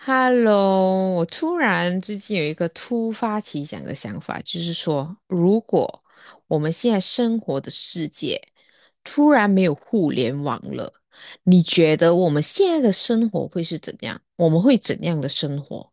Hello,我突然最近有一个突发奇想的想法，就是说，如果我们现在生活的世界突然没有互联网了，你觉得我们现在的生活会是怎样？我们会怎样的生活？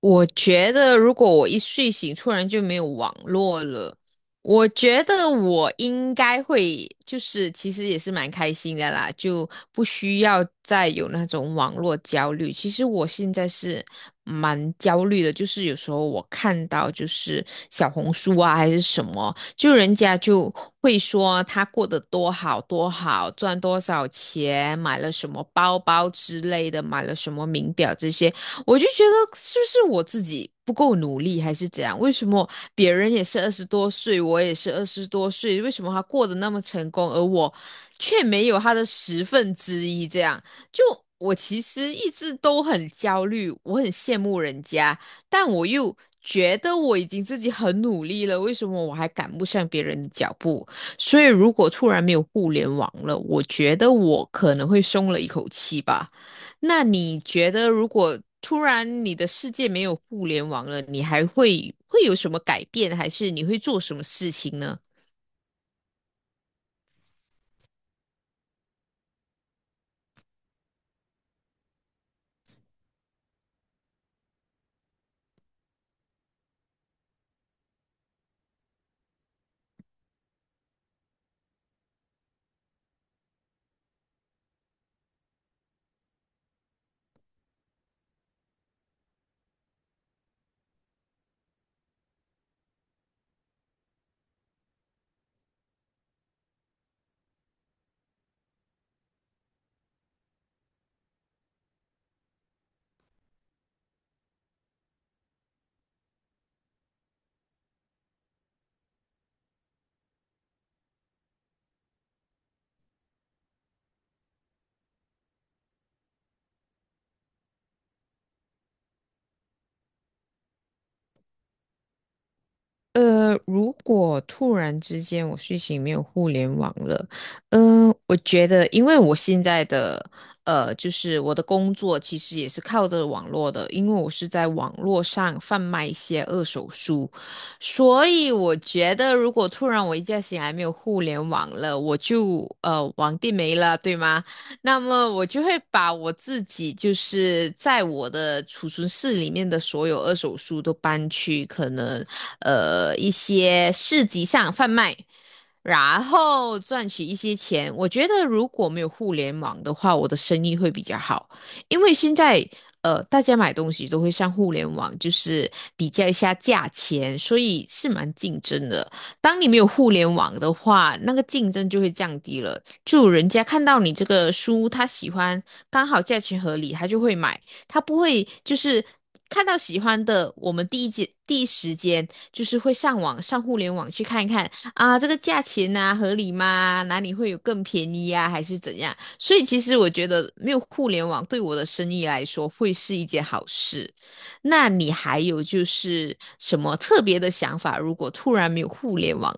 我觉得，如果我一睡醒突然就没有网络了，我觉得我应该会，其实也是蛮开心的啦，就不需要再有那种网络焦虑。其实我现在是蛮焦虑的，就是有时候我看到就是小红书啊还是什么，就人家就会说他过得多好多好，赚多少钱，买了什么包包之类的，买了什么名表这些。我就觉得是不是我自己不够努力，还是怎样？为什么别人也是二十多岁，我也是二十多岁，为什么他过得那么成功，而我却没有他的十分之一？这样，就我其实一直都很焦虑，我很羡慕人家，但我又。觉得我已经自己很努力了，为什么我还赶不上别人的脚步？所以，如果突然没有互联网了，我觉得我可能会松了一口气吧。那你觉得，如果突然你的世界没有互联网了，你还会有什么改变，还是你会做什么事情呢？如果突然之间我睡醒没有互联网了，我觉得因为我现在的就是我的工作其实也是靠着网络的，因为我是在网络上贩卖一些二手书，所以我觉得如果突然我一觉醒来没有互联网了，我就网地没了，对吗？那么我就会把我自己就是在我的储存室里面的所有二手书都搬去可能。一些市集上贩卖，然后赚取一些钱。我觉得如果没有互联网的话，我的生意会比较好，因为现在。大家买东西都会上互联网，就是比较一下价钱，所以是蛮竞争的。当你没有互联网的话，那个竞争就会降低了。就人家看到你这个书，他喜欢，刚好价钱合理，他就会买。他不会就是看到喜欢的，我们第一节第一时间就是会上网上互联网去看一看啊，这个价钱啊合理吗？哪里会有更便宜啊，还是怎样？所以其实我觉得没有互联网对我的生意来说会是一件好事。那你还有就是什么特别的想法？如果突然没有互联网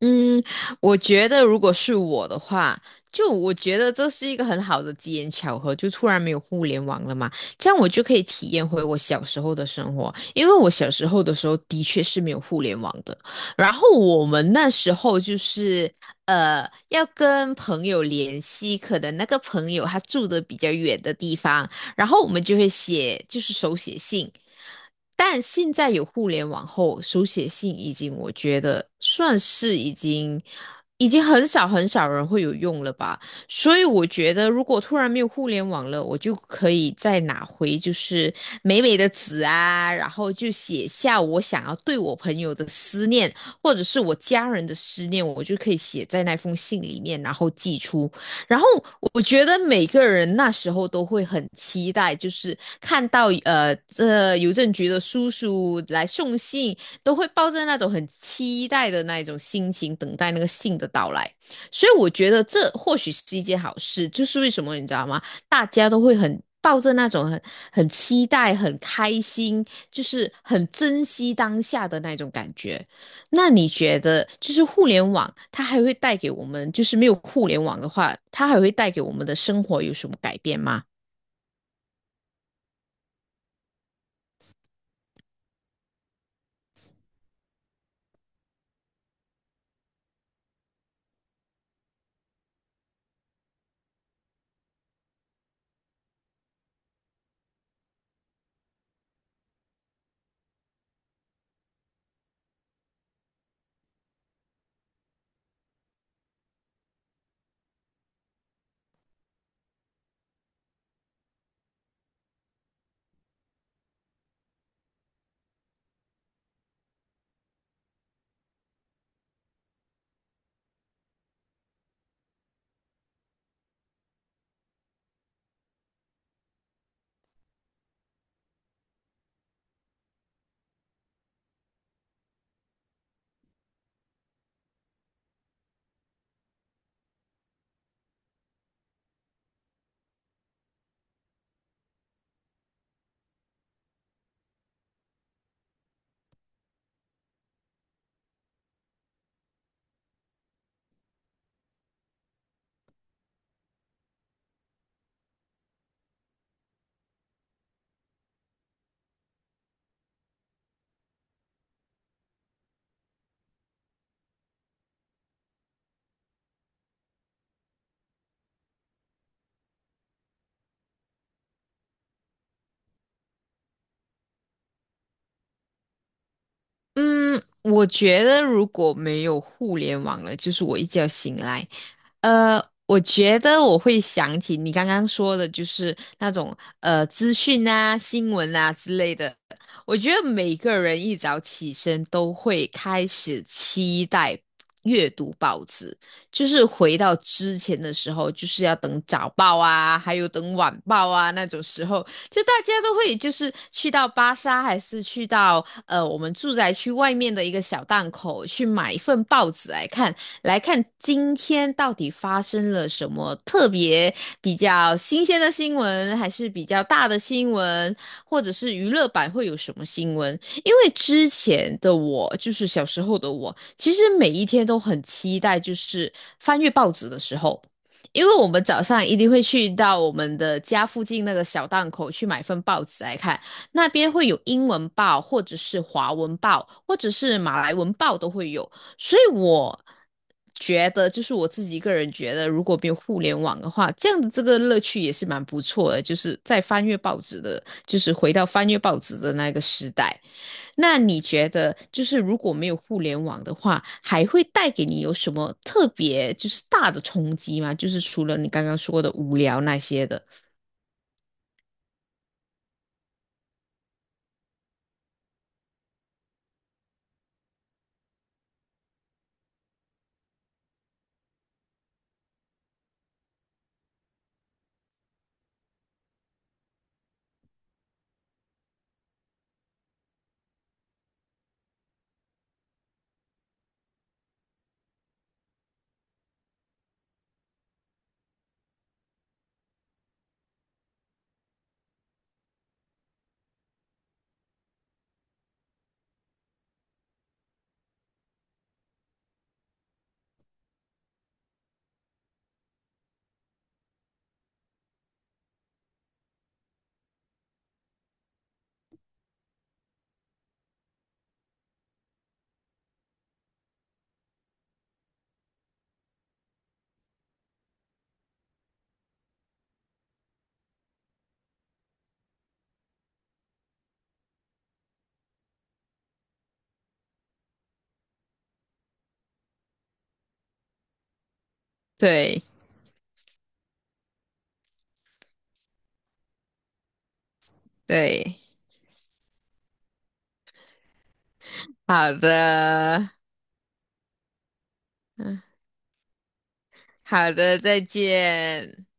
嗯，我觉得如果是我的话，就我觉得这是一个很好的机缘巧合，就突然没有互联网了嘛，这样我就可以体验回我小时候的生活，因为我小时候的时候的确是没有互联网的，然后我们那时候就是呃要跟朋友联系，可能那个朋友他住的比较远的地方，然后我们就会写就是手写信。但现在有互联网后，手写信已经我觉得算是已经很少很少人会有用了吧。所以我觉得，如果突然没有互联网了，我就可以再拿回就是美美的纸啊，然后就写下我想要对我朋友的思念，或者是我家人的思念，我就可以写在那封信里面，然后寄出。然后我觉得每个人那时候都会很期待，就是看到这邮政局的叔叔来送信，都会抱着那种很期待的那一种心情等待那个信的到来。所以我觉得这或许是一件好事，就是为什么你知道吗？大家都会很。抱着那种很期待、很开心，就是很珍惜当下的那种感觉。那你觉得，就是互联网，它还会带给我们，就是没有互联网的话，它还会带给我们的生活有什么改变吗？嗯，我觉得如果没有互联网了，就是我一觉醒来，我觉得我会想起你刚刚说的，就是那种资讯啊、新闻啊之类的。我觉得每个人一早起身都会开始期待阅读报纸，就是回到之前的时候，就是要等早报啊，还有等晚报啊那种时候。就大家都会就是去到巴莎，还是去到我们住宅区外面的一个小档口去买一份报纸来看，来看今天到底发生了什么特别比较新鲜的新闻，还是比较大的新闻，或者是娱乐版会有什么新闻？因为之前的我，就是小时候的我，其实每一天都很期待，就是翻阅报纸的时候。因为我们早上一定会去到我们的家附近那个小档口去买份报纸来看，那边会有英文报，或者是华文报，或者是马来文报都会有。所以我觉得，就是我自己个人觉得，如果没有互联网的话，这样的这个乐趣也是蛮不错的，就是在翻阅报纸的，就是回到翻阅报纸的那个时代。那你觉得，就是如果没有互联网的话，还会带给你有什么特别就是大的冲击吗？就是除了你刚刚说的无聊那些的，对对，好的，嗯，好的，再见。